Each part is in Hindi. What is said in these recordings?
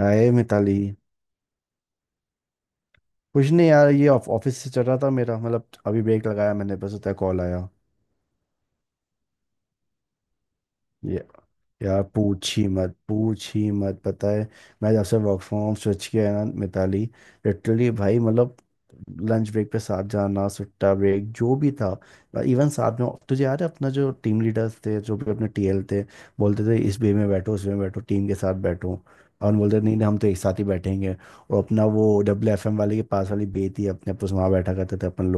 हाय मिताली। कुछ नहीं यार, ये ऑफिस से चल रहा था, मेरा मतलब अभी ब्रेक लगाया मैंने, बस उतना कॉल आया। ये। यार पूछ ही मत, पूछ ही मत, पता है। मैं जब से वर्क फ्रॉम होम स्विच किया है ना मिताली, लिटरली भाई, मतलब लंच ब्रेक पे साथ जाना, सुट्टा ब्रेक, जो भी था। इवन साथ में तुझे याद है, अपना जो टीम लीडर्स थे, जो भी अपने टीएल थे, बोलते थे इस बे में बैठो, उस बे में बैठो, टीम के साथ बैठो। और हम बोलते थे, नहीं नहीं हम तो एक साथ ही बैठेंगे। और अपना वो डब्ल्यू एफ एम वाले के पास वाली बे थी अपने, आप तो वहाँ बैठा करते थे अपन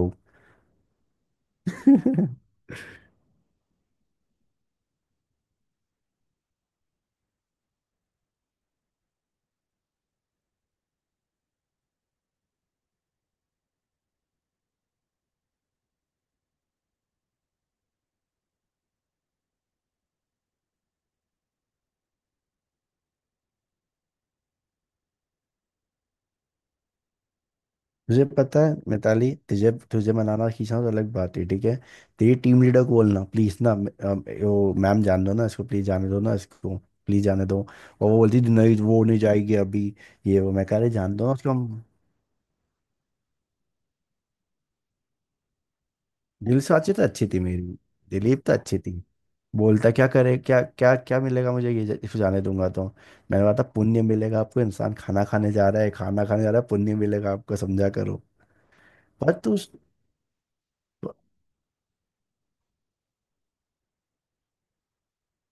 लोग। तुझे पता है मिताली, तुझे तुझे मनाना खींचना तो अलग बात है, ठीक है। तेरी टीम लीडर को बोलना प्लीज ना, वो मैम जान दो ना इसको, प्लीज जाने दो ना इसको, प्लीज जाने दो। और वो बोलती थी, नहीं वो नहीं जाएगी अभी। ये वो मैं कह रहे जान दो ना उसको, हम दिल से अच्छी, तो अच्छी थी मेरी दिलीप, तो अच्छी थी। बोलता क्या करे, क्या क्या क्या मिलेगा मुझे ये इसको जाने दूंगा तो। मैंने कहा था पुण्य मिलेगा आपको, इंसान खाना खाने जा रहा है, खाना खाने जा रहा है, पुण्य मिलेगा आपको, समझा करो। पर तू।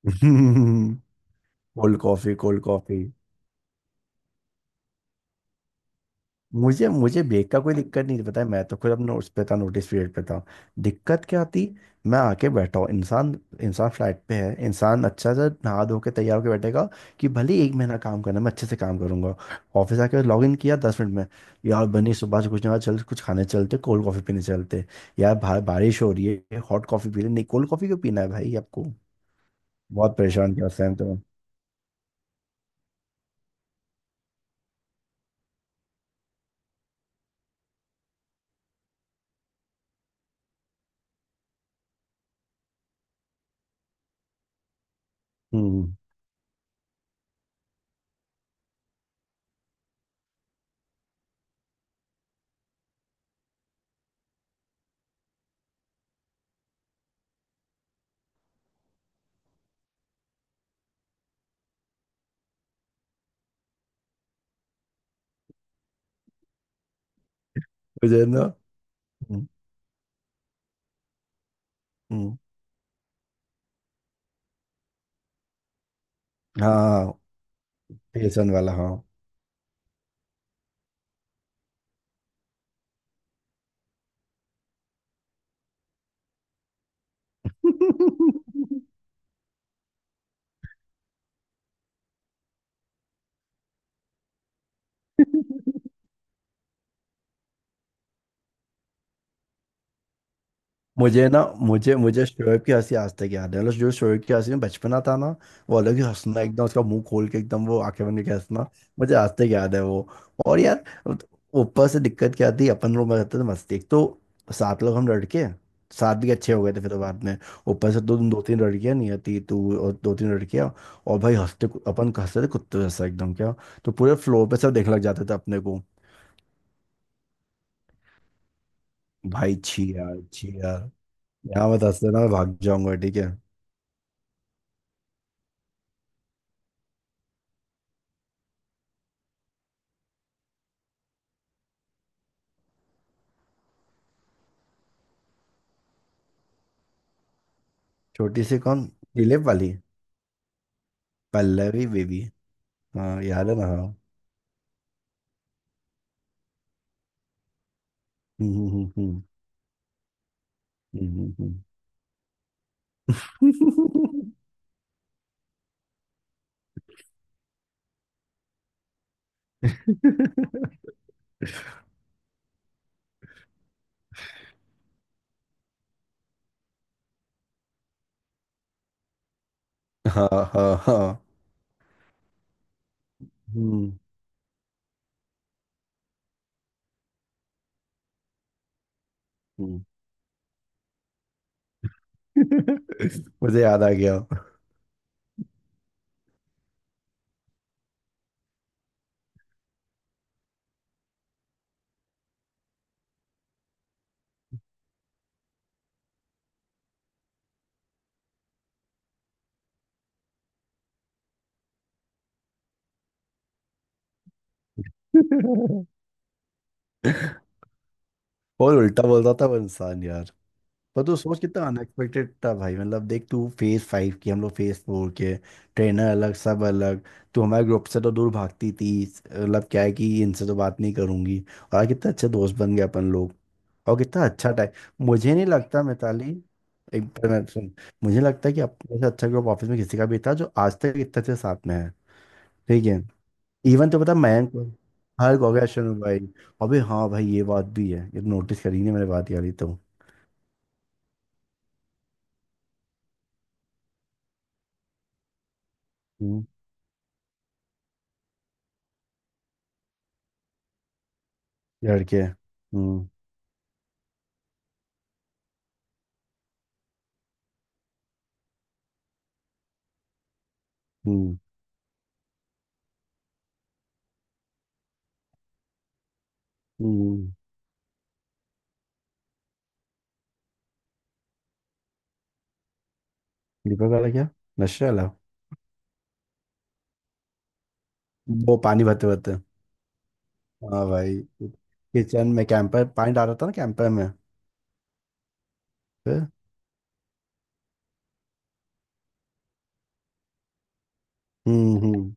Cold coffee, cold coffee. मुझे मुझे ब्रेक का कोई दिक्कत नहीं, पता है मैं तो खुद अपने उस पे था, नोटिस पीरियड पे था। दिक्कत क्या आती, मैं आके बैठा हूँ इंसान, इंसान फ्लैट पे है, इंसान अच्छा सा नहा धो के तैयार होकर बैठेगा कि भले ही एक महीना काम करना, मैं अच्छे से काम करूंगा। ऑफिस आके लॉग इन किया 10 मिनट में, यार बनी सुबह से कुछ ना चल, कुछ खाने चलते, कोल्ड कॉफ़ी पीने चलते। यार बाहर बारिश हो रही है, हॉट कॉफ़ी पी ले, नहीं कोल्ड कॉफ़ी क्यों पीना है भाई आपको। बहुत परेशान किया उस टाइम तो। हम्म। मुझे ना। हम्म। हम्म। हाँ बेसन वाला, हाँ। मुझे ना मुझे मुझे शोएब की हंसी आज तक याद है, मतलब जो शोएब की हंसी में बचपना था ना, वो अलग ही हंसना, एकदम उसका मुंह खोल के, एकदम वो आंखें बंद करके हंसना। मुझे आज तक याद है वो। और यार, ऊपर से दिक्कत क्या थी, अपन लोग रहते थे मस्ती, एक तो 7 लोग हम लड़के, सात भी अच्छे हो गए थे फिर तो बाद में। ऊपर से दो दो तीन लड़कियां, नहीं आती तू और दो तीन लड़कियां। और भाई हंसते, अपन हंसते थे कुत्ते जैसा एकदम, क्या तो पूरे फ्लोर पे सब देखने लग जाते थे अपने को। भाई छी यार, छी यार, यहाँ मत हंसते ना, मैं भाग जाऊंगा, ठीक है। छोटी सी कौन? दिलीप वाली? पल्लवी बेबी, हाँ याद है ना, हाँ। हम्म। हम्म, हम्म, हम्म। हाँ हाँ। हाँ। हम्म। हम्म। मुझे याद आ गया। और उल्टा बोलता था वो इंसान यार। पर तू सोच, कितना अनएक्सपेक्टेड था भाई, मतलब देख तू फेज फाइव की, हम लोग फेज फोर के, ट्रेनर अलग, सब अलग। तू हमारे ग्रुप से तो दूर भागती थी, मतलब क्या है कि इनसे तो बात नहीं करूंगी। और आज कितना अच्छे दोस्त बन गए अपन लोग। और कितना अच्छा टाइम, मुझे नहीं लगता मिताली, एक मिनट सुन, मुझे लगता है कि अपने से अच्छा ग्रुप ऑफिस में किसी का भी था, जो आज तक इतने अच्छे साथ में है, ठीक है। इवन तो पता मयंक को-, हर कांग्रेचुलेशन भाई। अबे हाँ भाई, ये बात भी है, ये नोटिस करी नहीं मैंने, बात यारी तो। हम्म। लड़के। हम्म हम्म। दीपक वाला क्या? नशे वाला? वो पानी भरते भरते? हाँ भाई, किचन में कैंपर पानी डाल रहा था ना, कैंपर में, फिर। हम्म हम्म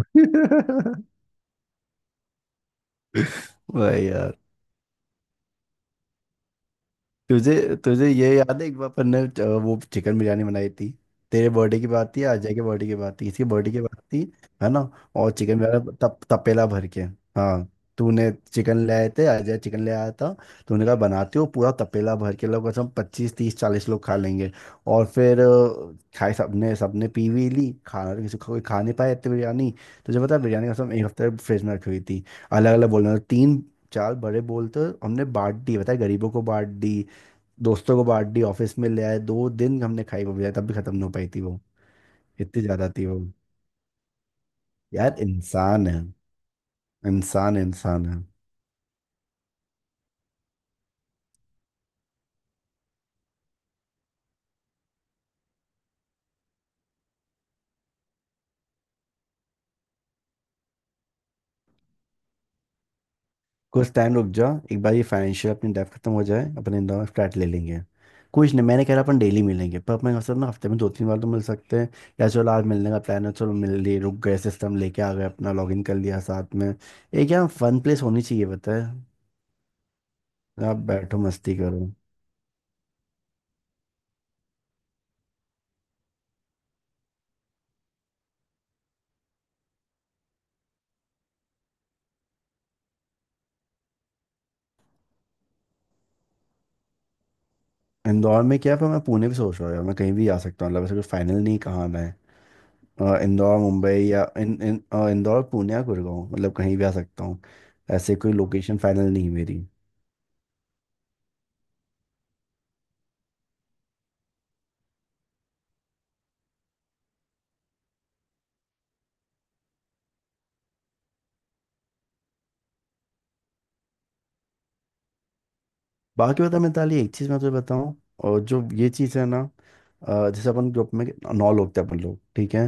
हम्म। वही यार। तुझे तुझे ये याद है, एक बार अपन ने वो चिकन बिरयानी बनाई थी, तेरे बर्थडे की बात थी, अजय के बर्थडे की बात थी, किसी बर्थडे की बात थी, है ना। और चिकन बिरयानी तपेला भर के, हाँ। तूने चिकन ले आए थे, अजय चिकन ले आया था, तूने कहा बनाते हो, पूरा तपेला भर के लोग कसम, 25 30 40 लोग खा लेंगे। और फिर खाए सबने, सबने पी भी ली, खाना किसी को कोई खा नहीं पाया, इतनी बिरयानी। तुझे पता है, बिरयानी कसम एक हफ्ते फ्रिज में रखी हुई थी। अलग अलग बोलना, तीन चार बड़े बोलते, हमने बांट दी, बताया गरीबों को बांट दी, दोस्तों को बांट दी, ऑफिस में ले आए, 2 दिन हमने खाई वो भी, तब भी खत्म नहीं हो पाई थी वो, इतनी ज्यादा थी वो। यार इंसान है, इंसान इंसान है। कुछ टाइम रुक जा, एक बार ये फाइनेंशियल अपनी डेब्ट खत्म हो जाए, अपने इंदौर में फ्लैट ले लेंगे। कुछ नहीं, मैंने कह रहा अपन डेली मिलेंगे पर, अपने असल ना हफ्ते में दो तीन बार तो मिल सकते हैं, या चलो आज मिलने का प्लान है चलो मिल लिए, रुक गए सिस्टम लेके आ गए, अपना लॉग इन कर लिया साथ में। एक यहाँ फन प्लेस होनी चाहिए, पता है, आप बैठो मस्ती करो। इंदौर में क्या है, पर मैं पुणे भी सोच रहा हूँ यार, मैं कहीं भी आ सकता हूँ, मतलब ऐसा कुछ फाइनल नहीं कहाँ मैं। इंदौर मुंबई या इन, इन, अ, इंदौर पुणे या गुड़गांव, मतलब कहीं भी आ सकता हूँ। ऐसे कोई लोकेशन फाइनल नहीं है मेरी। बाकी बता मिताली, एक चीज मैं तुझे बताऊं, और जो ये चीज है ना, जैसे अपन ग्रुप में 9 लोग थे अपन लोग, ठीक है।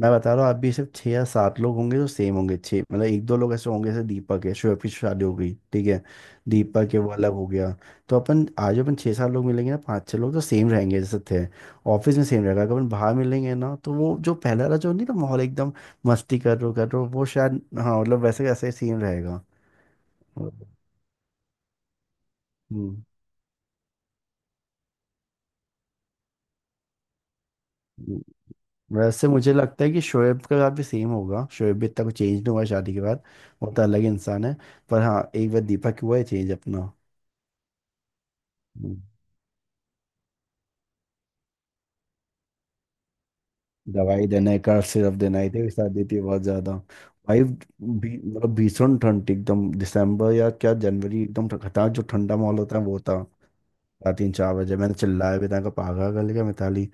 मैं बता रहा हूँ आप भी सिर्फ 6 या 7 लोग होंगे जो सेम होंगे, छः मतलब एक दो लोग ऐसे होंगे जैसे दीपक है, शोएब की शादी हो गई, ठीक है। दीपक है वो अलग हो गया। तो अपन आज अपन 6-7 लोग मिलेंगे ना, 5-6 लोग तो सेम रहेंगे जैसे थे, ऑफिस में सेम रहेगा, अगर अपन बाहर मिलेंगे ना तो वो जो पहला वाला जो नहीं था माहौल एकदम। मस्ती कर रो वो शायद हाँ, मतलब वैसे वैसे सेम रहेगा। हम्म। हम्म। वैसे मुझे लगता है कि शोएब के साथ भी सेम होगा, शोएब भी इतना कुछ चेंज नहीं हुआ है शादी के बाद, वो तो अलग इंसान है। पर हाँ एक बार दीपक हुआ है चेंज अपना। हम्म, दवाई देना है, कर्व सिरप देना है, थे साथ देती है बहुत ज्यादा। भाई भी मतलब भीषण ठंड थी एकदम, दिसंबर या क्या जनवरी, एकदम खतरनाक जो ठंडा माहौल होता है वो था। रात तीन चार बजे मैंने चिल्लाया भी था, पागल कर लिया मिताली।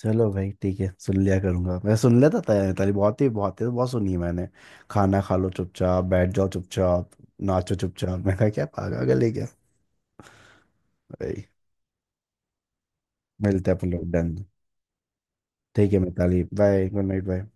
चलो भाई ठीक है सुन लिया करूंगा, मैं सुन लेता था यार, ताली बहुत ही बहुत ही बहुत सुनी है मैंने। खाना खा लो, चुपचाप बैठ जाओ, चुपचाप नाचो, चुपचाप, मैं कहा क्या पागल है क्या। भाई मिलते हैं अपन लोग डन। ठीक है Mitali, bye, good night, bye.